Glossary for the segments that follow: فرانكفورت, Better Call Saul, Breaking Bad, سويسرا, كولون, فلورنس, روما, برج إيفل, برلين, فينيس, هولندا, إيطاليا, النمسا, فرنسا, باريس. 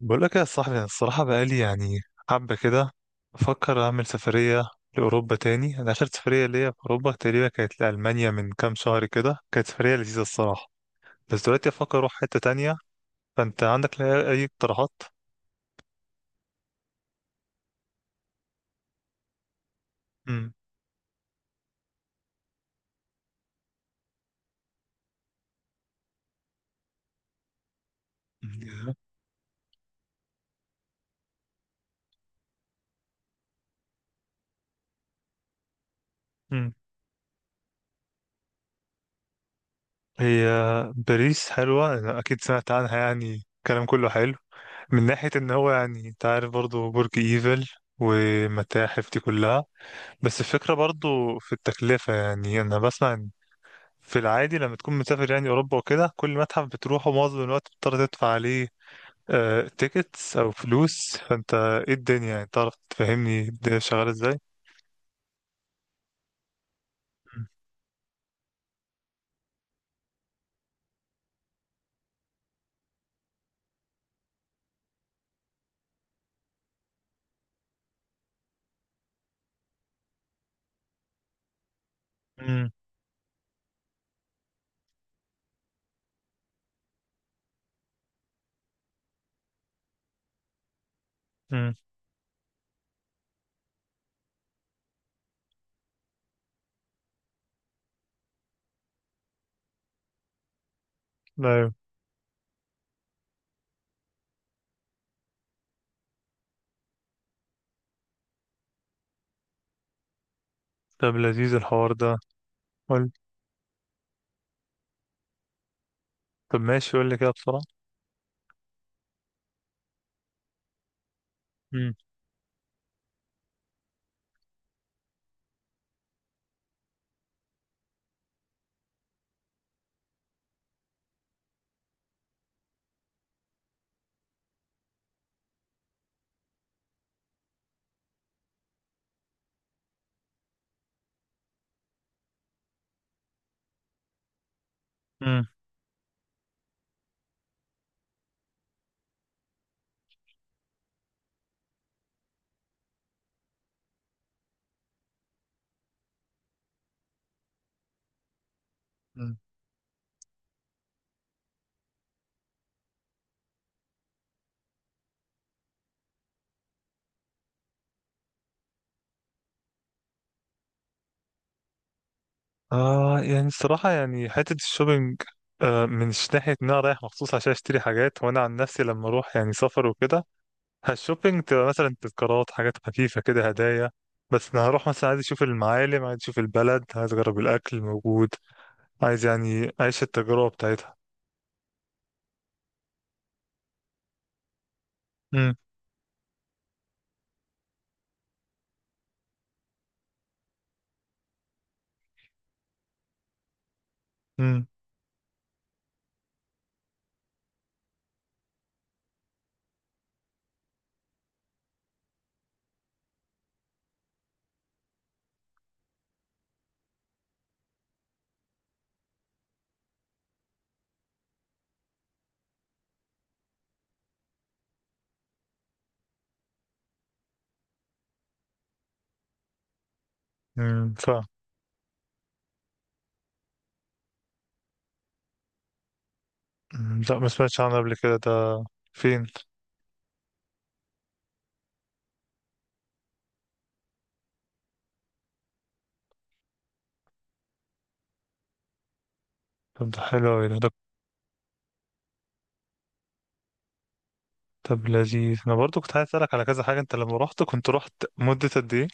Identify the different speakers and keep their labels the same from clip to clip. Speaker 1: بقول لك يا صاحبي، أنا الصراحة بقالي حبة كده بفكر أعمل سفرية لأوروبا تاني. أنا آخر سفرية ليا في أوروبا تقريبا كانت لألمانيا من كام شهر كده. كانت سفرية لذيذة الصراحة. بس دلوقتي أفكر أروح حتة تانية. فأنت عندك أي اقتراحات؟ مم. مم. هي باريس حلوة، أنا أكيد سمعت عنها، يعني الكلام كله حلو، من ناحية إن هو يعني أنت عارف برضه برج إيفل والمتاحف دي كلها. بس الفكرة برضو في التكلفة. يعني أنا بسمع في العادي لما تكون مسافر يعني أوروبا وكده، كل متحف بتروحه معظم الوقت بتضطر تدفع عليه، آه، تيكتس أو فلوس. فأنت إيه الدنيا، يعني تعرف تفهمني الدنيا شغالة إزاي؟ امم امم أيوه، طب لذيذ الحوار ده. قول. طب ماشي، قول لي كده بسرعة. امم امم أمم. آه، يعني الصراحة يعني حتة الشوبينج، آه، مش ناحية إن أنا رايح مخصوص عشان أشتري حاجات. وأنا عن نفسي لما أروح يعني سفر وكده، الشوبينج تبقى مثلا تذكارات، حاجات خفيفة كده، هدايا. بس أنا هروح مثلا عايز أشوف المعالم، عايز أشوف البلد، عايز أجرب الأكل الموجود، عايز يعني أعيش التجربة بتاعتها. امم امم ف مم. لا، ما سمعتش عنه قبل كده ده. فين؟ طب ده حلو أوي، ده طب لذيذ. أنا برضو كنت عايز أسألك على كذا حاجة. أنت لما رحت كنت رحت مدة قد إيه؟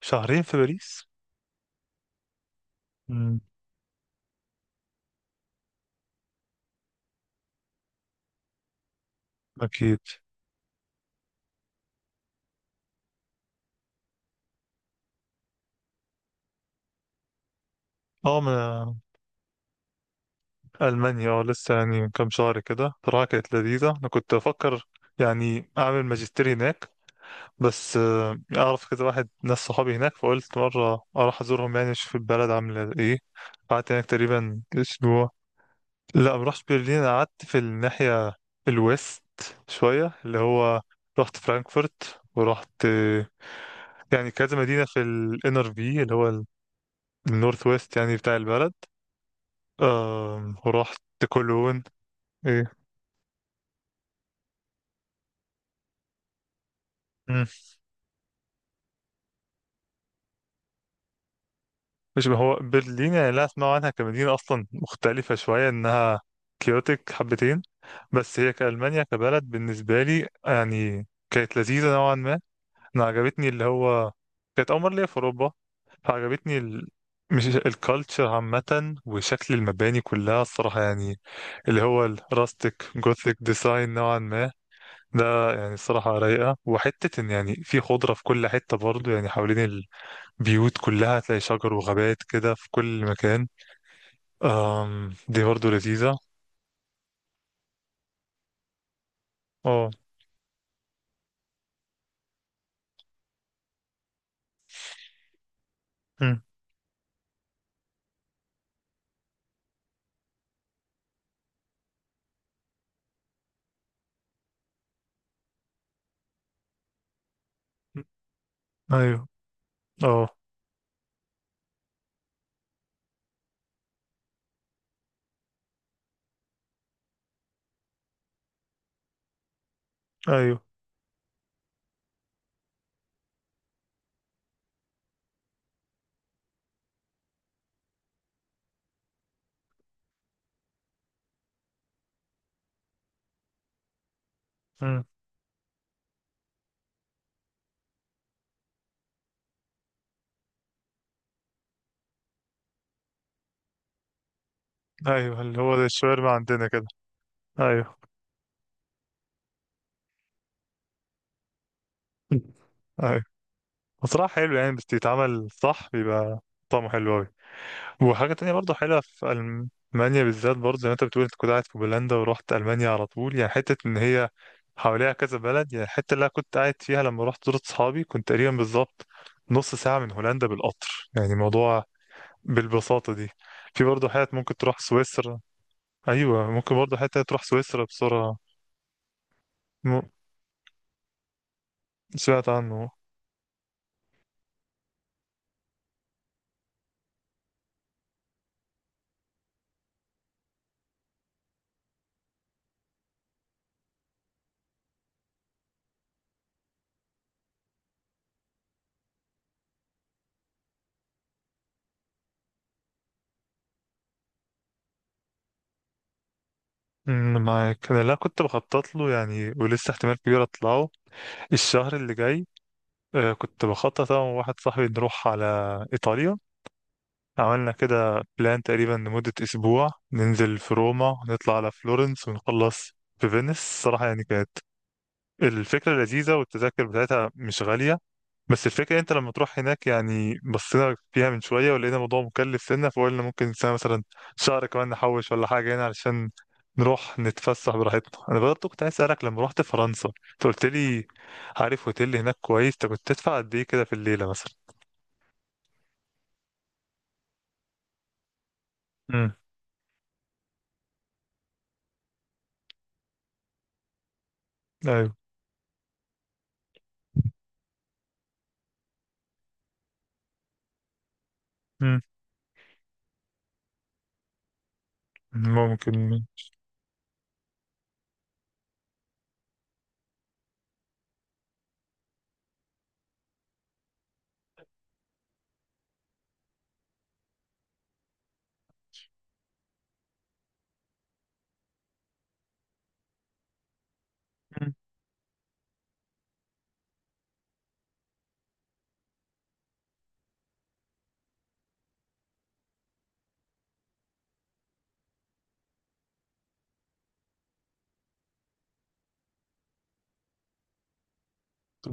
Speaker 1: شهرين في باريس؟ امم. أكيد. اه ما ألمانيا، اه، لسه يعني من كام شهر كده. بصراحة كانت لذيذة. أنا كنت أفكر يعني أعمل ماجستير هناك، بس أعرف كده واحد ناس صحابي هناك، فقلت مرة أروح أزورهم يعني أشوف البلد عاملة إيه. قعدت هناك تقريبا أسبوع. لا ما رحتش برلين، أنا قعدت في الناحية الويست شوية، اللي هو رحت فرانكفورت، ورحت يعني كذا مدينة في الانر، في اللي هو النورث ويست يعني بتاع البلد. ورحت كولون. إيه؟ مش هو برلين يعني، لا، اسمع عنها كمدينة أصلا مختلفة شوية، إنها كيوتك حبتين. بس هي كألمانيا كبلد بالنسبة لي يعني كانت لذيذة نوعا ما. أنا عجبتني اللي هو، كانت أول مرة ليا في أوروبا، فعجبتني ال... مش الكالتشر عامة وشكل المباني كلها الصراحة، يعني اللي هو الراستيك جوثيك ديزاين نوعا ما. ده يعني الصراحة رايقة، وحتة إن يعني في خضرة في كل حتة برضو، يعني حوالين بيوت كلها هتلاقي شجر وغابات كده في كل مكان. أم، دي برضو لذيذة. اه. أمم. ايوه. اه. ايوه. أمم. ايوه، اللي هو ده الشاورما عندنا كده. ايوه. ايوه. بصراحة حلو يعني، بس يتعمل صح بيبقى طعمه حلو أوي. وحاجة تانية برضه حلوة في ألمانيا بالذات، برضه زي ما انت بتقول، انت كنت قاعد في بولندا ورحت ألمانيا على طول، يعني حتة ان هي حواليها كذا بلد. يعني الحتة اللي أنا كنت قاعد فيها لما رحت زرت صحابي كنت تقريبا بالظبط نص ساعة من هولندا بالقطر، يعني موضوع بالبساطة دي. في برضه حتت ممكن تروح سويسرا. أيوة، ممكن برضه حتة تروح سويسرا بسرعة. م... سمعت عنه. أمم، معاك. أنا لا كنت بخطط له يعني، ولسه احتمال كبير أطلعه الشهر اللي جاي. آه، كنت بخطط أنا وواحد صاحبي نروح على إيطاليا. عملنا كده بلان تقريبا لمدة أسبوع، ننزل في روما، نطلع على فلورنس، ونخلص في فينيس. الصراحة يعني كانت الفكرة لذيذة، والتذاكر بتاعتها مش غالية. بس الفكرة أنت لما تروح هناك يعني، بصينا فيها من شوية ولقينا الموضوع مكلف سنة، فقلنا ممكن سنة مثلا شهر كمان نحوش ولا حاجة هنا علشان نروح نتفسح براحتنا. أنا برضه كنت عايز أسألك لما روحت فرنسا أنت قلت لي عارف هوتيل هناك كويس، أنت كنت تدفع قد إيه كده في الليلة مثلا؟ امم. أيوه. امم. ممكن.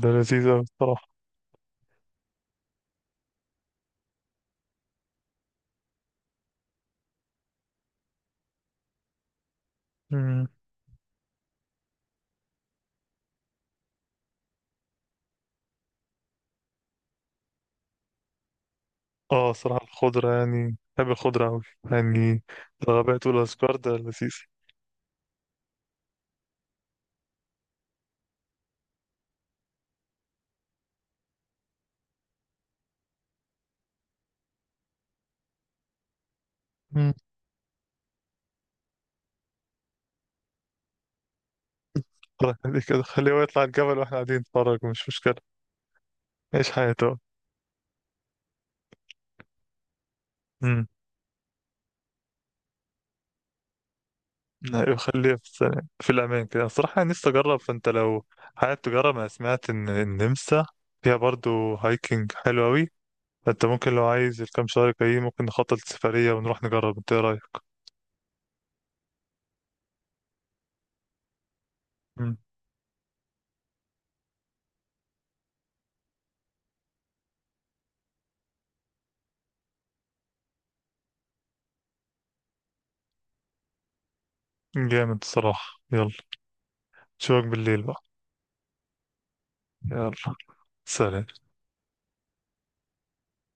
Speaker 1: ده لذيذ أوي الصراحة. مم. اه الصراحة الخضرة، يعني بحب الخضرة أوي يعني. الغابات والأشجار ده لذيذ. مم. الله يخليك، كده خليه هو يطلع الجبل واحنا قاعدين نتفرج، مش مشكلة. عيش حياته. امم. ايوه، خليه في في الأمان كده. الصراحة أنا نفسي أجرب، فأنت لو حابب تجرب، أنا سمعت إن النمسا فيها برضو هايكنج حلو أوي. فأنت ممكن لو عايز الكام شهر الجايين ممكن نخطط سفرية ونروح نجرب. أنت إيه رأيك؟ مم. جامد الصراحة، يلا، نشوفك بالليل بقى. يلا، سلام.